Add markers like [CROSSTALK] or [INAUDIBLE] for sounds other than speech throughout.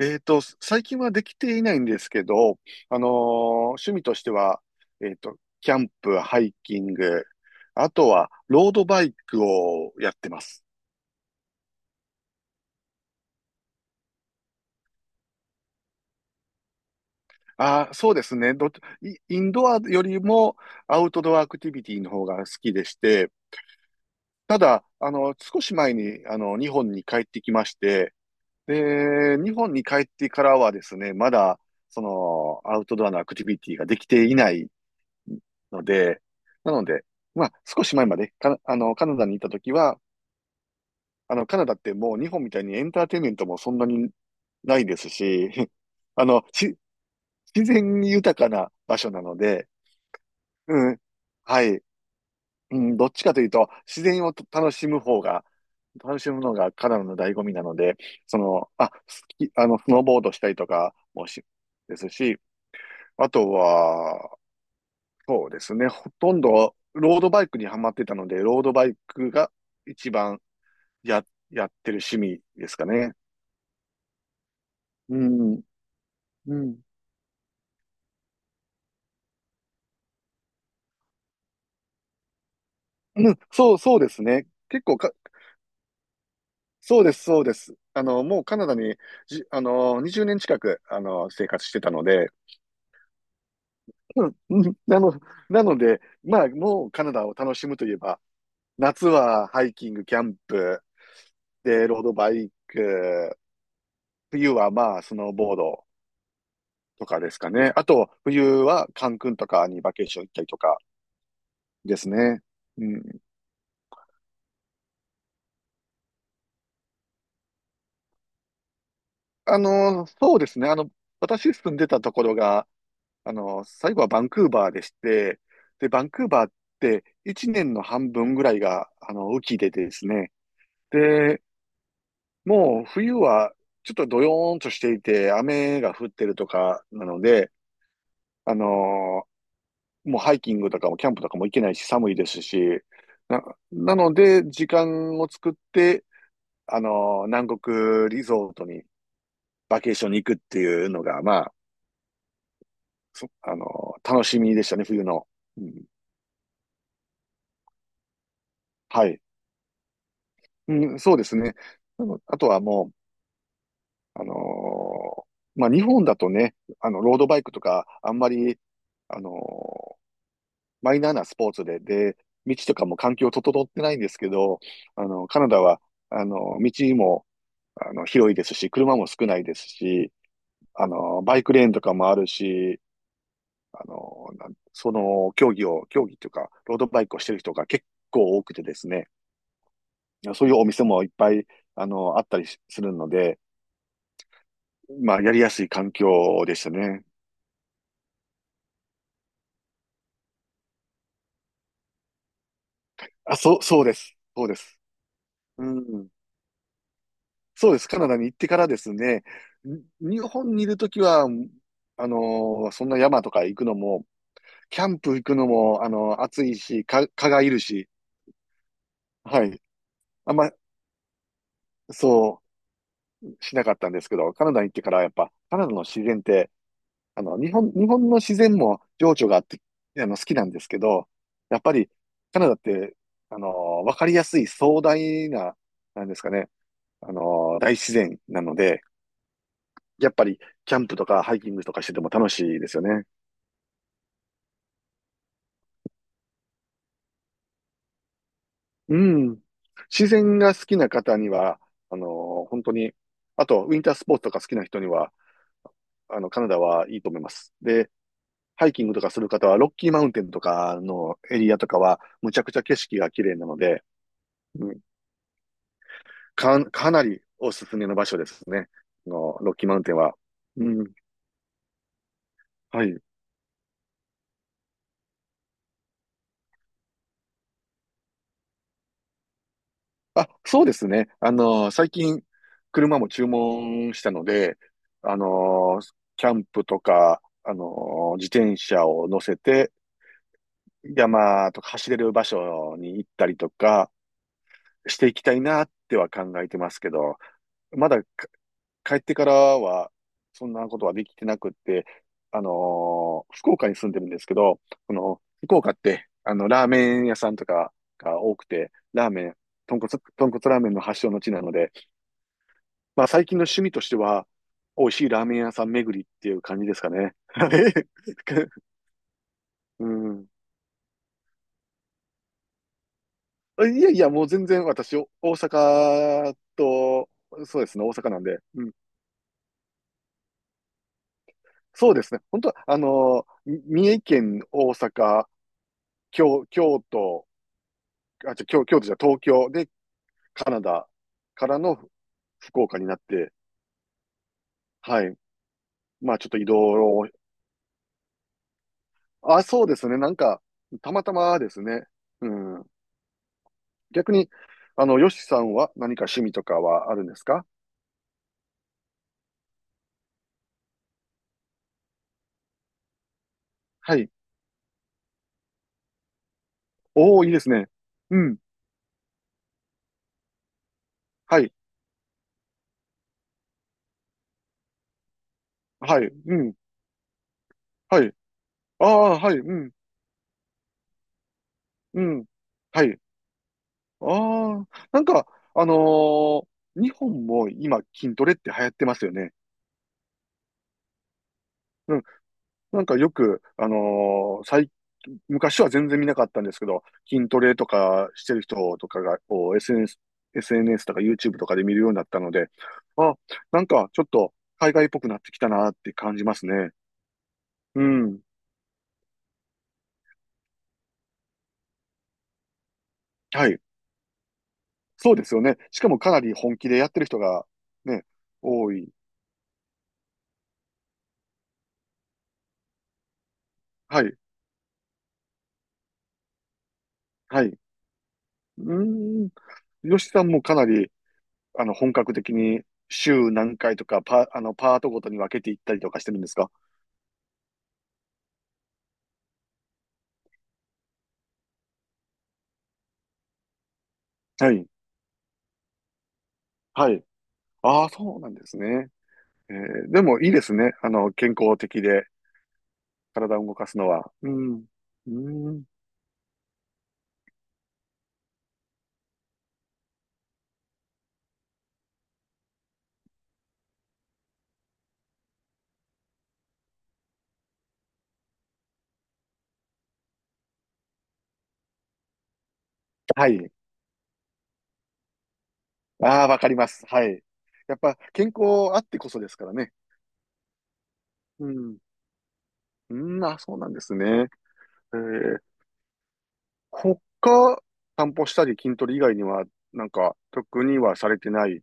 最近はできていないんですけど、あのー趣味としては、えっと、キャンプ、ハイキング、あとは、ロードバイクをやってます。ああ、そうですね。どっち、イインドアよりもアウトドアアクティビティの方が好きでして、ただ、少し前に、日本に帰ってきまして、で、日本に帰ってからはですね、まだ、その、アウトドアのアクティビティができていないので、なので、まあ、少し前まで、か、あの、カナダにいたときは、カナダってもう日本みたいにエンターテインメントもそんなにないですし、[LAUGHS] あの、し、自然豊かな場所なので、うん、はい、うん、どっちかというと、自然を楽しむ方が、楽しむのがカナダの醍醐味なので、その、あ、スキ、あの、スノーボードしたりとかもし、ですし、あとは、そうですね。ほとんどロードバイクにはまってたので、ロードバイクが一番や、やってる趣味ですかね。うん。うん。うん、そう、そうですね。結構か、そうです、そうです。もうカナダにじ、あの、20年近く、生活してたので、うん、うんなので、まあ、もうカナダを楽しむといえば、夏はハイキング、キャンプ、で、ロードバイク、冬はまあ、スノーボードとかですかね。あと、冬はカンクンとかにバケーション行ったりとかですね。うん。そうですね。私住んでたところが、最後はバンクーバーでして、で、バンクーバーって1年の半分ぐらいが、雨季でですね。で、もう冬はちょっとドヨーンとしていて、雨が降ってるとかなので、あの、もうハイキングとかもキャンプとかも行けないし寒いですし、な、なので、時間を作って、南国リゾートにバケーションに行くっていうのが、まあ、そ、あの、楽しみでしたね、冬の。うん、はい。うん、そうですね。あとはもう、まあ、日本だとね、ロードバイクとか、あんまり、あのーマイナーなスポーツで、道とかも環境整ってないんですけど、カナダは、道も、広いですし、車も少ないですし、バイクレーンとかもあるし、その競技というか、ロードバイクをしてる人が結構多くてですね、そういうお店もいっぱい、あったりするので、まあ、やりやすい環境でしたね。あ、そう、そうです。そうです。うん。そうです。カナダに行ってからですね、日本にいるときは、そんな山とか行くのも、キャンプ行くのも、暑いし、蚊がいるし、はい。あんま、そう、しなかったんですけど、カナダに行ってからやっぱ、カナダの自然って、日本の自然も情緒があって、好きなんですけど、やっぱりカナダって、わかりやすい壮大な、なんですかね、大自然なので、やっぱりキャンプとかハイキングとかしてても楽しいですよね。うん。自然が好きな方には、本当に、あと、ウィンタースポーツとか好きな人には、カナダはいいと思います。で、ハイキングとかする方は、ロッキーマウンテンとかのエリアとかは、むちゃくちゃ景色が綺麗なので、うんかなりおすすめの場所ですね。ロッキーマウンテンは。うん。はい。あ、そうですね。最近、車も注文したので、あの、キャンプとか、自転車を乗せて、山とか走れる場所に行ったりとかしていきたいなっては考えてますけど、まだ帰ってからは、そんなことはできてなくって、福岡に住んでるんですけど、この、福岡って、ラーメン屋さんとかが多くて、ラーメン、豚骨、豚骨ラーメンの発祥の地なので、まあ最近の趣味としては、美味しいラーメン屋さん巡りっていう感じですかね。はい。 [LAUGHS] うん。いやいや、もう全然私、大阪と、そうですね、大阪なんで、うん。そうですね。本当は、三重県、大阪、京都、あ、じゃ、京、京都じゃ東京でカナダからの福岡になって、はい。まあちょっと移動を、あ、そうですね。なんか、たまたまですね。うん。逆に、ヨシさんは何か趣味とかはあるんですか？はい。おお、いいですね。うん。はい。はい。うん。はい。ああ、はい。うん。うん。はい。ああ、なんか、あのー日本も今筋トレって流行ってますよね。なんかよく、昔は全然見なかったんですけど、筋トレとかしてる人とかが、こう SNS、SNS とか YouTube とかで見るようになったので、あ、なんかちょっと海外っぽくなってきたなって感じますね。うん。はい。そうですよね。しかもかなり本気でやってる人がね、多い。はい。はい。うーん。吉さんもかなり、本格的に週何回とか、パ、あの、パートごとに分けていったりとかしてるんですか？はい。はい。ああ、そうなんですね。でもいいですね。健康的で体を動かすのは。うん。うん。はい。ああ、わかります。はい。やっぱ健康あってこそですからね。うん。うん、あ、そうなんですね。えー、他、散歩したり筋トレ以外には、なんか、特にはされてない。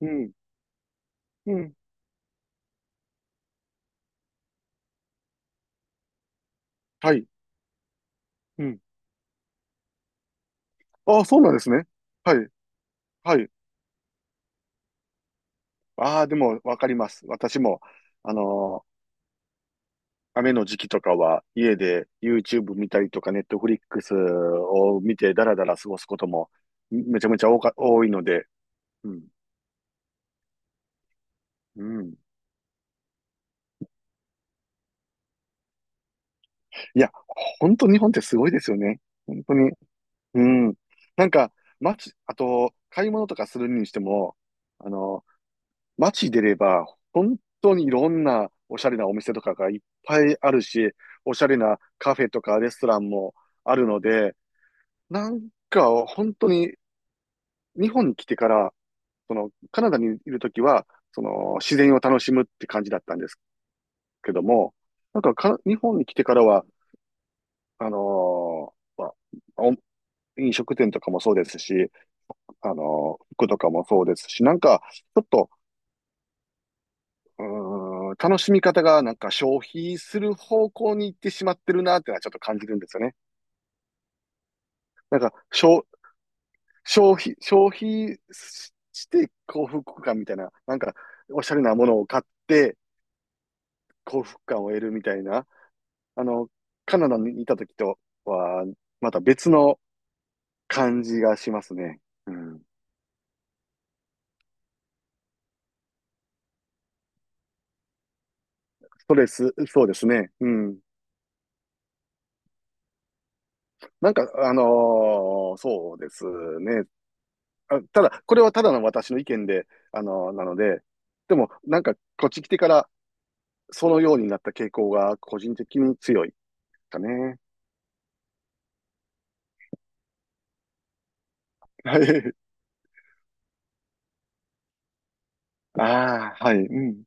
うん。うん。はい。うん。ああ、そうなんですね。はい。はい。ああ、でもわかります。私も、あの雨の時期とかは家で YouTube 見たりとか Netflix を見てダラダラ過ごすこともめちゃめちゃ多いので、うん。うん。いや、本当日本ってすごいですよね。本当に。うん。なんか、あと、買い物とかするにしても、あの、街出れば、本当にいろんなおしゃれなお店とかがいっぱいあるし、おしゃれなカフェとかレストランもあるので、なんか、本当に日本に来てから、その、カナダにいるときは、その、自然を楽しむって感じだったんですけども、なんか日本に来てからは、あのまあお飲食店とかもそうですし、服とかもそうですし、なんか、ちょっと、楽しみ方がなんか消費する方向に行ってしまってるなってのはちょっと感じるんですよね。なんか、消費して幸福感みたいな、なんか、おしゃれなものを買って幸福感を得るみたいな、あの、カナダにいた時とは、また別の感じがしますね。うん。ストレス、そうですね。うん。なんか、そうですね。あ、ただ、これはただの私の意見で、なので、でも、なんか、こっち来てから、そのようになった傾向が個人的に強いかね。[LAUGHS] はい。ああ、はい。うん。